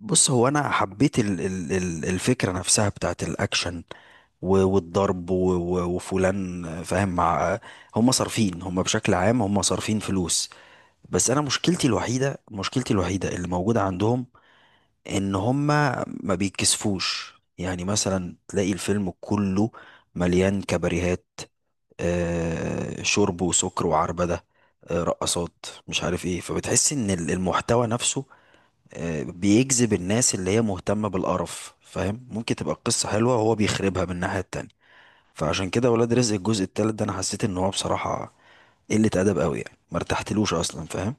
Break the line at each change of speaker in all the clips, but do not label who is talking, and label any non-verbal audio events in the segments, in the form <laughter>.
بص هو انا حبيت الفكره نفسها بتاعت الاكشن والضرب وفلان فاهم مع هم بشكل عام هم صارفين فلوس. بس انا مشكلتي الوحيده اللي موجوده عندهم ان هم ما بيتكسفوش، يعني مثلا تلاقي الفيلم كله مليان كباريهات، شرب وسكر وعربده، رقصات مش عارف ايه، فبتحس ان المحتوى نفسه بيجذب الناس اللي هي مهتمة بالقرف، فاهم؟ ممكن تبقى القصة حلوة وهو بيخربها من الناحية التانية. فعشان كده ولاد رزق الجزء التالت ده انا حسيت ان هو بصراحة قلة ادب قوي، يعني ما ارتحتلوش اصلا، فاهم؟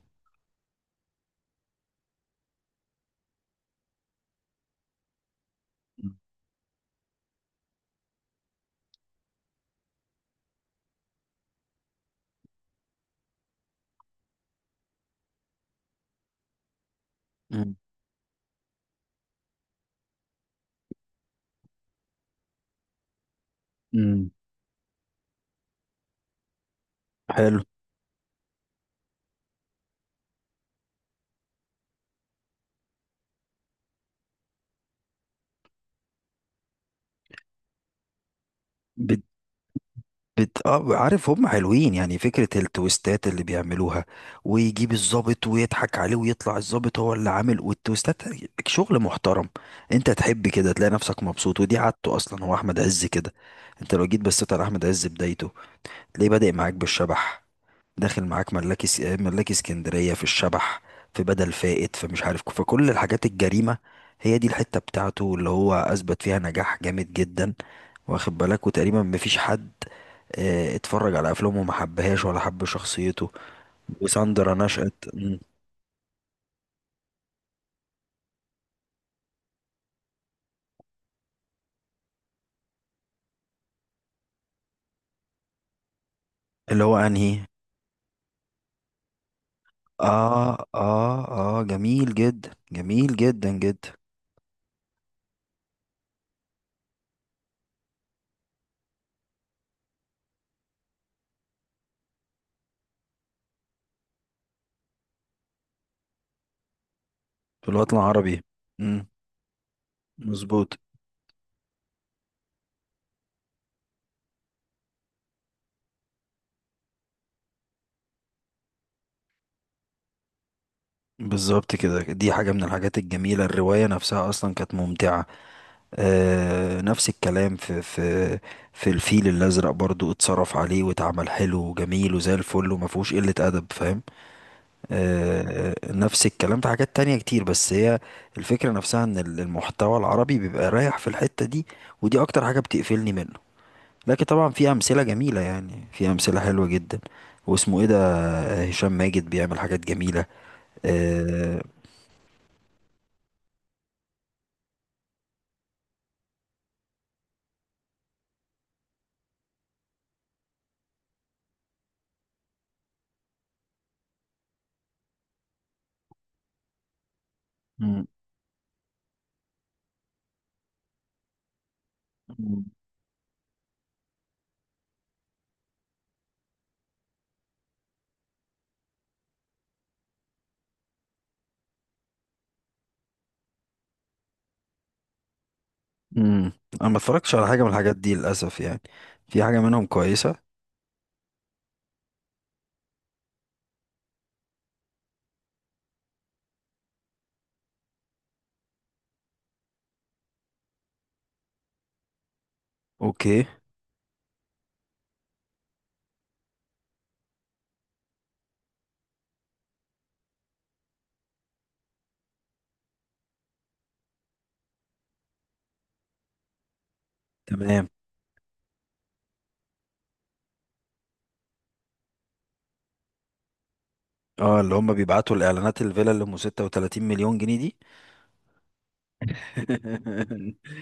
مم. مم. حلو. بت بت- بت اه عارف هم حلوين، يعني فكرة التويستات اللي بيعملوها ويجيب الضابط ويضحك عليه ويطلع الضابط هو اللي عامل والتويستات. شغل محترم. انت تحب كده تلاقي نفسك مبسوط، ودي عادته اصلا، هو احمد عز كده. انت لو جيت بصيت على احمد عز بدايته، ليه بادئ معاك بالشبح، داخل معاك ملاكي اسكندرية في الشبح، في بدل فائت، فمش عارف، فكل الحاجات الجريمة هي دي الحتة بتاعته اللي هو أثبت فيها نجاح جامد جدا، واخد بالك؟ وتقريبا مفيش حد اتفرج على أفلامه وما حبهاش ولا حب شخصيته. وساندرا نشأت. مم. اللي هو أنهي؟ آه آه. آه، جميل جدا، جميل جدا جدا. في الوطن العربي. مم. مظبوط. بالظبط كده، دي حاجة من الحاجات الجميلة، الرواية نفسها أصلا كانت ممتعة. آه، نفس الكلام في في الفيل الأزرق، برضو اتصرف عليه واتعمل حلو وجميل وزي الفل وما فيهوش قلة أدب، فاهم؟ آه، نفس الكلام في حاجات تانية كتير، بس هي الفكرة نفسها إن المحتوى العربي بيبقى رايح في الحتة دي، ودي أكتر حاجة بتقفلني منه. لكن طبعا في أمثلة جميلة، يعني في أمثلة حلوة جدا. واسمه إيه ده؟ هشام ماجد بيعمل حاجات جميلة. آه. مم. امم. انا ما اتفرجتش على حاجه من الحاجات دي للاسف، يعني في حاجه منهم كويسه. اوكي. تمام. اه، اللي هم بيبعتوا الاعلانات الفيلا اللي ام 36 مليون جنيه دي. <laughs>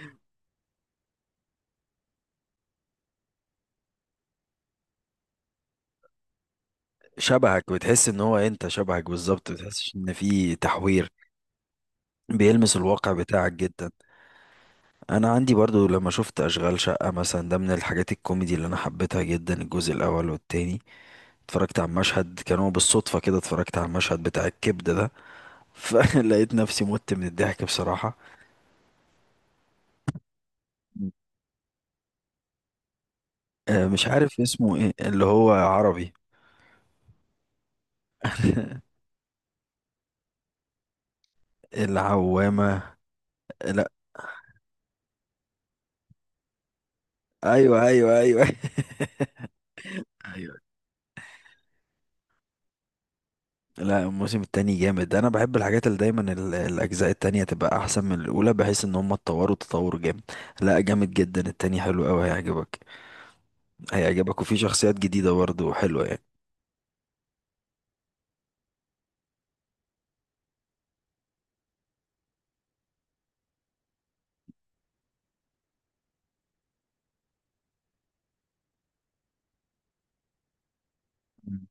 شبهك، بتحس ان هو انت شبهك بالظبط، ما بتحسش ان في تحوير، بيلمس الواقع بتاعك جدا. انا عندي برضو لما شفت اشغال شقه مثلا، ده من الحاجات الكوميدي اللي انا حبيتها جدا، الجزء الاول والتاني. اتفرجت على المشهد، كان هو بالصدفة كده اتفرجت على المشهد بتاع الكبدة ده، <laughs> فلقيت نفسي مت من الضحك بصراحة. مش عارف اسمه ايه اللي هو عربي. <laughs> العوامة. لا. ايوه ايوه ايوه. <laughs> ايوه. لا، الموسم التاني جامد، انا بحب الحاجات اللي دايما الاجزاء التانية تبقى احسن من الاولى بحيث ان هم اتطوروا تطور جامد. لا، جامد جدا التاني، حلو قوي، هيعجبك. هيعجبك، وفي شخصيات جديدة برضه حلوة، يعني مم.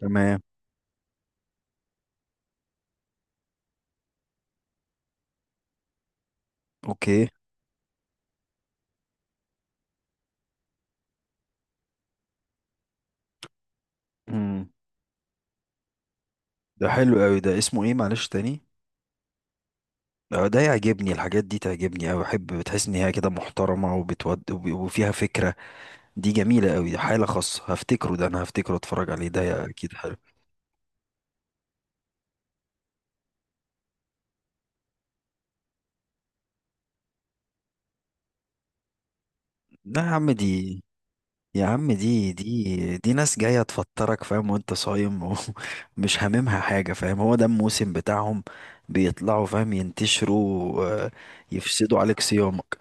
تمام. اوكي. مم. ده حلو قوي، ده اسمه ايه معلش تاني؟ ده يعجبني، الحاجات دي تعجبني أوي، أحب بتحس إن هي كده محترمة وبتود وفيها فكرة. دي جميلة قوي، حالة خاصة، هفتكره، ده انا هفتكره اتفرج عليه ده، اكيد حلو. لا يا عم، دي يا عم دي، دي دي ناس جاية تفطرك، فاهم؟ وانت صايم، ومش <laughs> هاممها حاجة، فاهم؟ هو ده الموسم بتاعهم، بيطلعوا فاهم ينتشروا، يفسدوا عليك صيامك.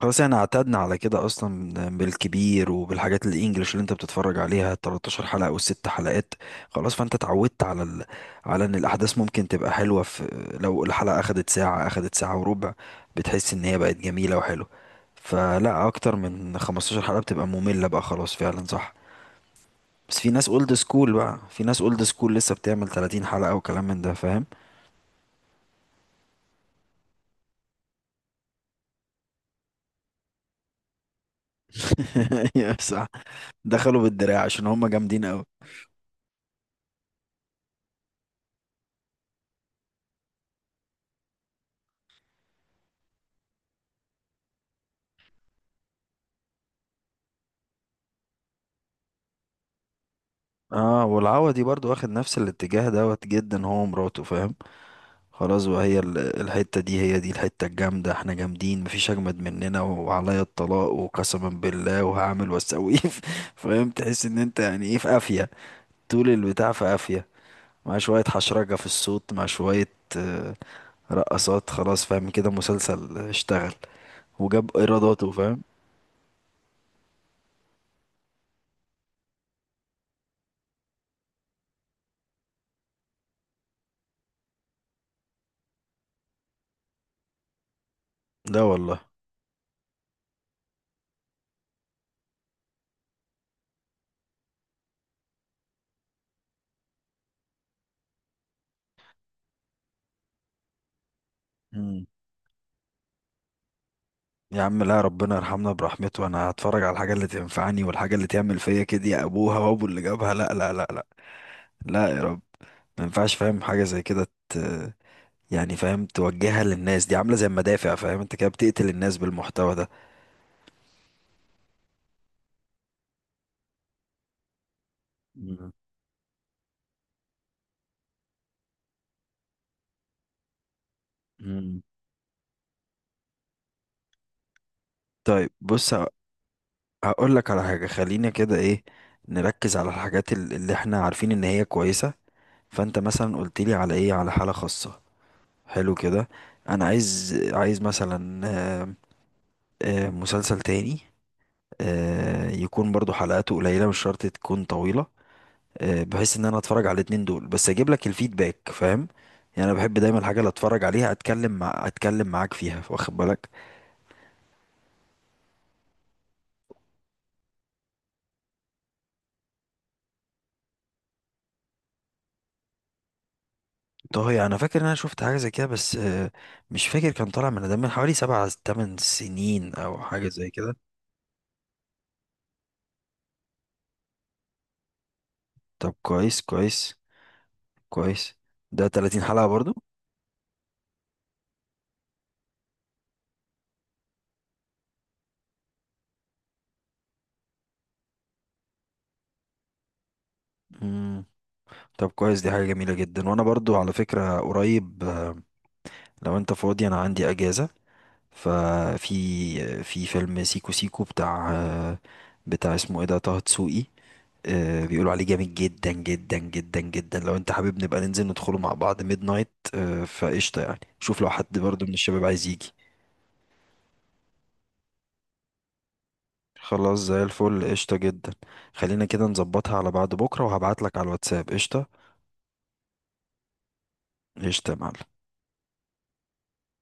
خلاص، احنا اعتدنا على كده اصلا، بالكبير وبالحاجات الانجليش اللي انت بتتفرج عليها 13 حلقة والست حلقات، خلاص فانت اتعودت على على ان الاحداث ممكن تبقى حلوة في، لو الحلقة اخدت ساعة اخدت ساعة وربع بتحس ان هي بقت جميلة وحلوة. فلا، اكتر من 15 حلقة بتبقى مملة بقى خلاص، فعلا صح. بس في ناس اولد سكول بقى، في ناس اولد سكول لسه بتعمل 30 حلقة وكلام من ده، فاهم؟ <laughs> يا صح، دخلوا بالدراع عشان هم جامدين قوي. اه، والعوضي برضو واخد نفس الاتجاه دوت جدا، هو ومراته، فاهم؟ خلاص، وهي الحتة دي هي دي الحتة الجامدة، احنا جامدين، مفيش اجمد مننا، وعليا الطلاق وقسما بالله وهعمل واسوي. <laughs> فاهم؟ تحس ان انت يعني ايه، في قافية، طول البتاع في قافية، مع شوية حشرجة في الصوت، مع شوية آه، رقصات، خلاص فاهم كده مسلسل اشتغل وجاب ايراداته، فاهم؟ لا والله. يا عم، لا ربنا يرحمنا برحمته، انا هتفرج على الحاجه اللي تنفعني والحاجه اللي تعمل فيا كده، يا ابوها وابو اللي جابها، لا لا لا لا، لا يا رب، ما ينفعش فاهم حاجه زي كده يعني فاهم توجهها للناس دي عامله زي المدافع، فاهم؟ انت كده بتقتل الناس بالمحتوى ده. مم. مم. طيب بص، هقول لك على حاجة، خلينا كده ايه، نركز على الحاجات اللي احنا عارفين ان هي كويسة. فانت مثلا قلت لي على ايه، على حالة خاصة، حلو كده. انا عايز عايز مثلا آه، مسلسل تاني يكون برضو حلقاته قليلة مش شرط تكون طويلة، بحيث ان انا اتفرج على الاتنين دول بس اجيب لك الفيدباك، فاهم؟ يعني انا بحب دايما الحاجة اللي اتفرج عليها اتكلم معاك فيها، واخد بالك؟ طه، يعني انا فاكر ان انا شفت حاجة زي كده بس، مش فاكر، كان طالع من ده من حوالي 7 8 سنين او حاجة زي كده. طب كويس، كويس، كويس، ده 30 حلقة برضو. مم. طب كويس، دي حاجة جميلة جدا. وانا برضو على فكرة قريب، لو انت فاضي انا عندي اجازة، ففي في فيلم سيكو سيكو بتاع بتاع اسمه ايه ده، طه دسوقي، بيقولوا عليه جامد جدا جدا جدا جدا، لو انت حابب نبقى ننزل ندخله مع بعض ميد نايت فقشطة، يعني شوف لو حد برضه من الشباب عايز يجي. خلاص، زي الفل، قشطة جدا، خلينا كده نظبطها على بعد بكرة، وهبعتلك على الواتساب. قشطة. قشطة يا معلم.